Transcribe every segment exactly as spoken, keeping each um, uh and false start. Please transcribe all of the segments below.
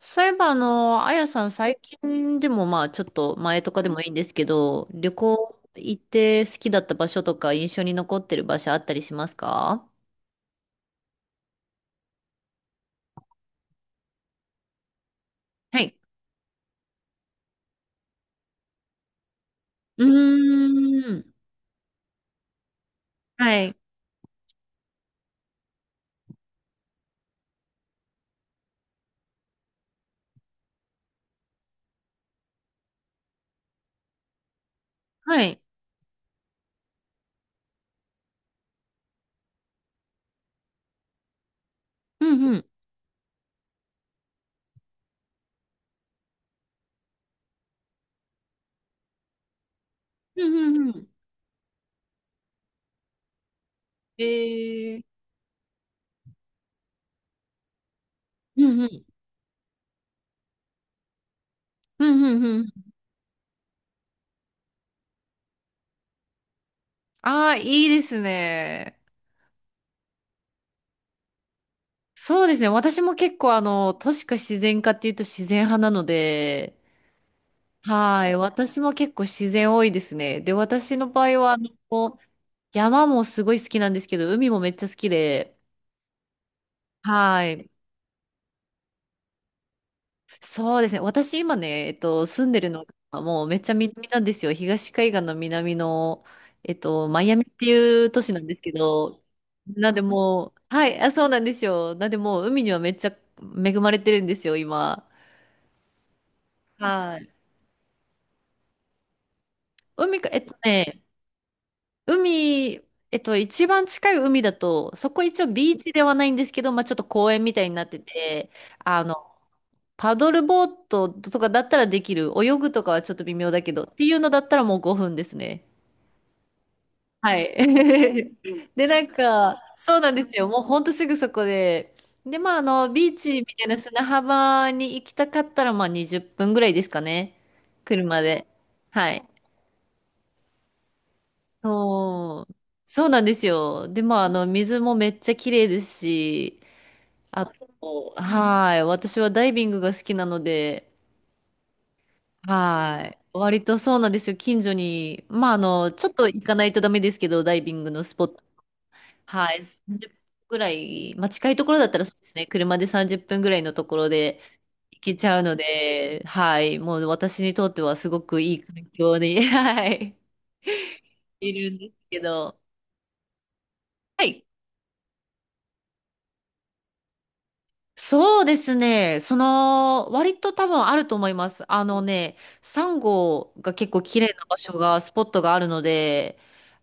そういえば、あの、あやさん、最近でも、まあ、ちょっと前とかでもいいんですけど、旅行行って好きだった場所とか、印象に残ってる場所あったりしますか？はい。うーん。はい。はい。うんうん。うんうんうん。えー、うんうん。うんうんうん。ああ、いいですね。そうですね。私も結構あの、都市か自然かっていうと自然派なので、はい。私も結構自然多いですね。で、私の場合は、あの、山もすごい好きなんですけど、海もめっちゃ好きで、はい。そうですね。私今ね、えっと、住んでるのがもうめっちゃ南なんですよ。東海岸の南の、えっと、マイアミっていう都市なんですけど、なんでもう、はい、あ、そうなんですよ。なんでもう海にはめっちゃ恵まれてるんですよ、今。はい。海か、えっとね、海、えっと、一番近い海だと、そこ一応ビーチではないんですけど、まあちょっと公園みたいになってて、あの、パドルボートとかだったらできる。泳ぐとかはちょっと微妙だけど、っていうのだったらもうごふんですね。はい。で、なんか、そうなんですよ。もうほんとすぐそこで。で、まあ、あの、ビーチみたいな砂浜に行きたかったら、まあ、にじゅっぷんぐらいですかね。車で。はい。そう、そうなんですよ。で、まあ、あの、水もめっちゃ綺麗ですし、あと、はい。私はダイビングが好きなので、はい。割とそうなんですよ。近所に、まあ、あの、ちょっと行かないとダメですけど、ダイビングのスポット。はい。さんじゅっぷんぐらい、まあ、近いところだったらそうですね。車でさんじゅっぷんぐらいのところで行けちゃうので、はい。もう私にとってはすごくいい環境に、はい。いるんですけど。はい。そうですね。その、割と多分あると思います。あのね、サンゴが結構綺麗な場所が、スポットがあるので、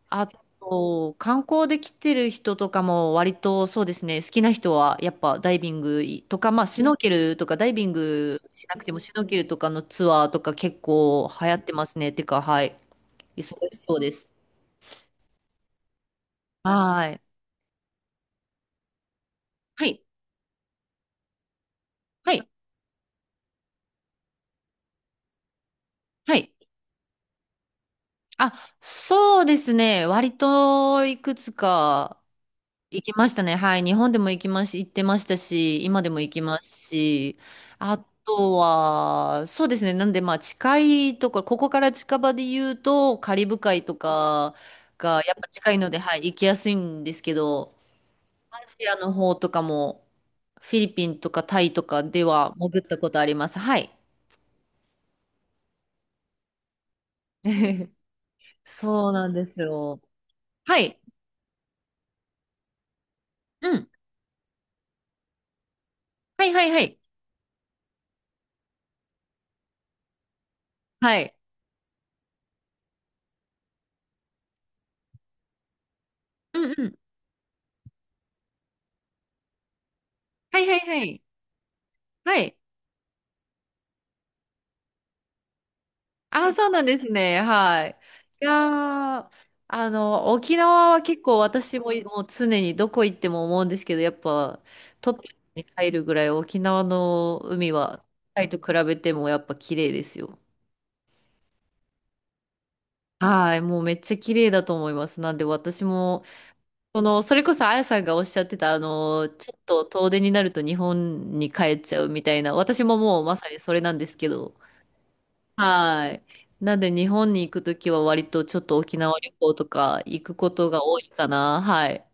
あと、観光で来てる人とかも割とそうですね、好きな人はやっぱダイビングとか、まあシュノーケルとかダイビングしなくてもシュノーケルとかのツアーとか結構流行ってますね。てか、はい。忙しそうです。はい。はい。はい。はい。あ、そうですね。割といくつか行きましたね。はい。日本でも行きまし、行ってましたし、今でも行きますし、あとは、そうですね。なんで、まあ、近いところ、ここから近場で言うと、カリブ海とかが、やっぱ近いので、はい、行きやすいんですけど、アジシアの方とかも、フィリピンとかタイとかでは潜ったことあります。はい。そうなんですよ。はい。うん。はいはいはい。はい。うんうん。はいはいはい。はい。あ、そうなんですね。はい。いやー、あの、沖縄は結構私も、もう常にどこ行っても思うんですけど、やっぱトップに入るぐらい沖縄の海は、タイと比べてもやっぱ綺麗ですよ。はい。もうめっちゃ綺麗だと思います。なんで私も、この、それこそあやさんがおっしゃってた、あの、ちょっと遠出になると日本に帰っちゃうみたいな、私ももうまさにそれなんですけど、はい。なんで日本に行くときは割とちょっと沖縄旅行とか行くことが多いかな。はい。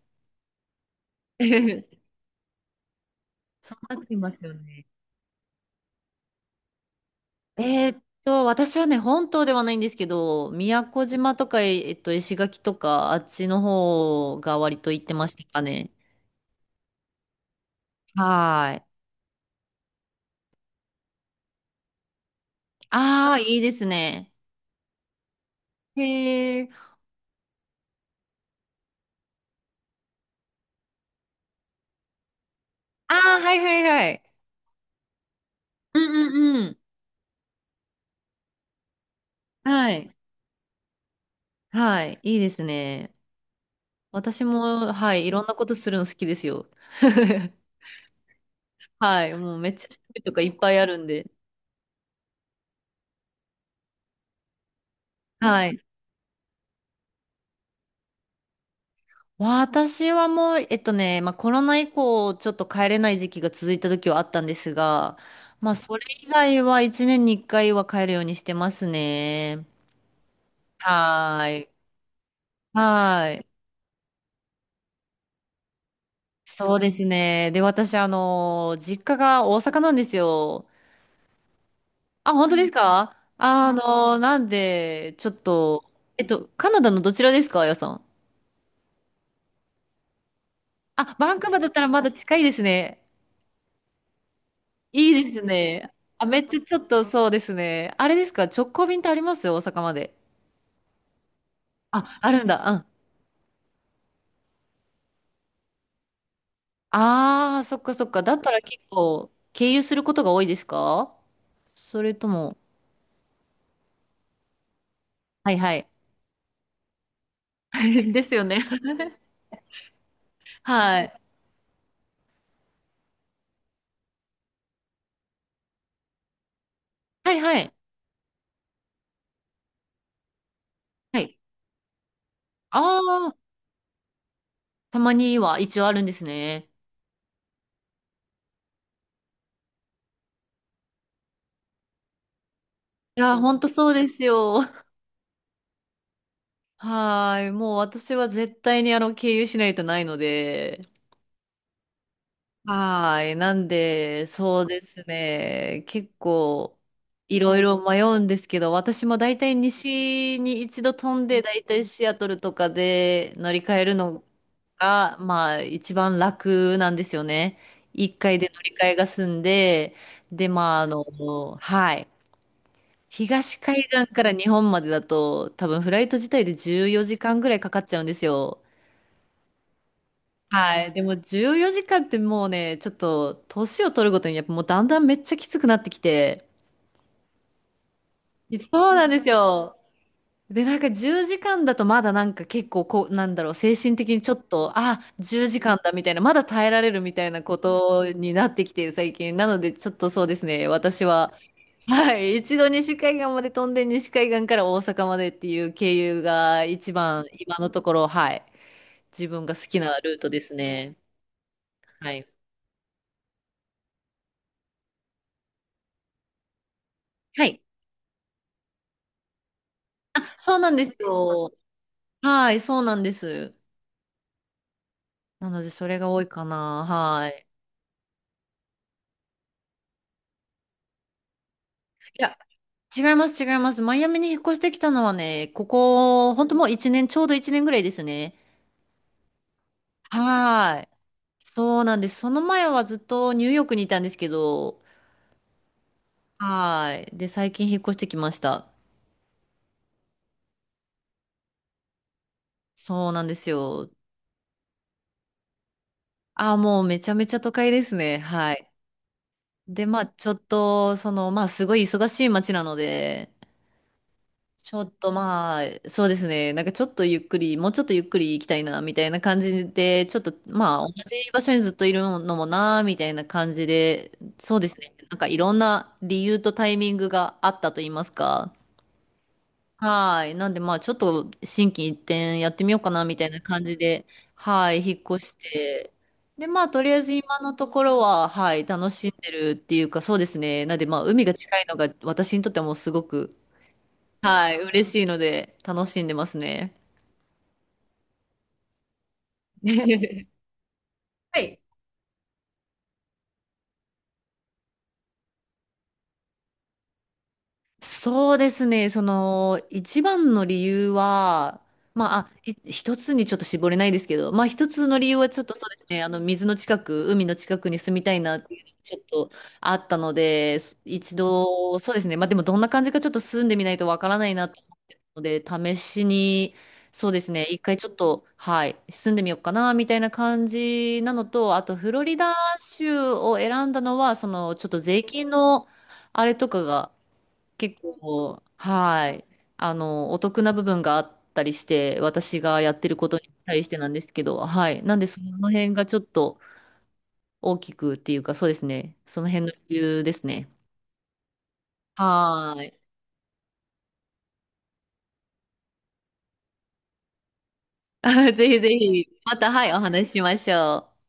そうなっちゃいますよね。えーっと、私はね、本島ではないんですけど、宮古島とか、ええっと、石垣とか、あっちの方が割と行ってましたかね。はーい。ああ、いいですね。へえ。ああ、はいはいはい。うんうんうん。はい。はい。いいですね。私も、はい。いろんなことするの好きですよ。はい。もうめっちゃ種類とかいっぱいあるんで。はい。私はもう、えっとね、まあ、コロナ以降、ちょっと帰れない時期が続いた時はあったんですが、まあ、それ以外はいちねんにいっかいは帰るようにしてますね。はーい。はーい。そうですね。で、私、あの、実家が大阪なんですよ。あ、本当ですか？あの、なんで、ちょっと、えっと、カナダのどちらですか、あやさん？あ、バンクーバーだったらまだ近いですね。いいですね。あ、めっちゃちょっとそうですね。あれですか、直行便ってありますよ、大阪まで。あ、あるんだ。うん。ああ、そっかそっか。だったら結構、経由することが多いですか？それとも、はいはい。ですよね。はい。はいはい。はい。ああ、たまには一応あるんですね。いやー、ほんとそうですよ。はーい。もう私は絶対にあの、経由しないとないので。はーい。なんで、そうですね。結構、いろいろ迷うんですけど、私も大体西に一度飛んで、大体シアトルとかで乗り換えるのが、まあ、一番楽なんですよね。一回で乗り換えが済んで、で、まあ、あの、はい。東海岸から日本までだと、多分フライト自体でじゅうよじかんぐらいかかっちゃうんですよ。はい。でもじゅうよじかんってもうね、ちょっと年を取るごとにやっぱもうだんだんめっちゃきつくなってきて。そうなんですよ。で、なんかじゅうじかんだとまだなんか結構こう、なんだろう、精神的にちょっと、あ、じゅうじかんだみたいな、まだ耐えられるみたいなことになってきてる最近。なのでちょっとそうですね、私は、はい。一度西海岸まで飛んで西海岸から大阪までっていう経由が一番今のところ、はい。自分が好きなルートですね。はい。はい。そうなんですよ。はい、そうなんです。なので、それが多いかな。はい。いや、違います、違います。マイアミに引っ越してきたのはね、ここ、本当もういちねん、ちょうどいちねんぐらいですね。はい。そうなんです。その前はずっとニューヨークにいたんですけど、はい。で、最近引っ越してきました。そうなんですよ。ああ、もうめちゃめちゃ都会ですね。はい。で、まあ、ちょっと、その、まあ、すごい忙しい街なので、ちょっとまあ、そうですね。なんかちょっとゆっくり、もうちょっとゆっくり行きたいな、みたいな感じで、ちょっとまあ、同じ場所にずっといるのもな、みたいな感じで、そうですね。なんかいろんな理由とタイミングがあったと言いますか。はい。なんでまあ、ちょっと心機一転やってみようかな、みたいな感じで、はい、引っ越して。で、まあ、とりあえず今のところは、はい、楽しんでるっていうか、そうですね。なんでまあ、海が近いのが私にとってはもうすごく、はい、嬉しいので楽しんでますね。はい。そうですね、その一番の理由は、まあ、あ、い一つにちょっと絞れないですけど、まあ一つの理由はちょっとそうですね、あの水の近く、海の近くに住みたいなっていうのがちょっとあったので、一度、そうですね、まあでもどんな感じかちょっと住んでみないとわからないなとので、試しに、そうですね、一回ちょっと、はい、住んでみようかな、みたいな感じなのと、あと、フロリダ州を選んだのは、その、ちょっと税金の、あれとかが、結構、はい、あの、お得な部分があったりして、私がやってることに対してなんですけど、はい、なんで、その辺がちょっと大きくっていうか、そうですね、その辺の理由ですね。はーい。ぜひぜひ、また、はい、お話ししましょう。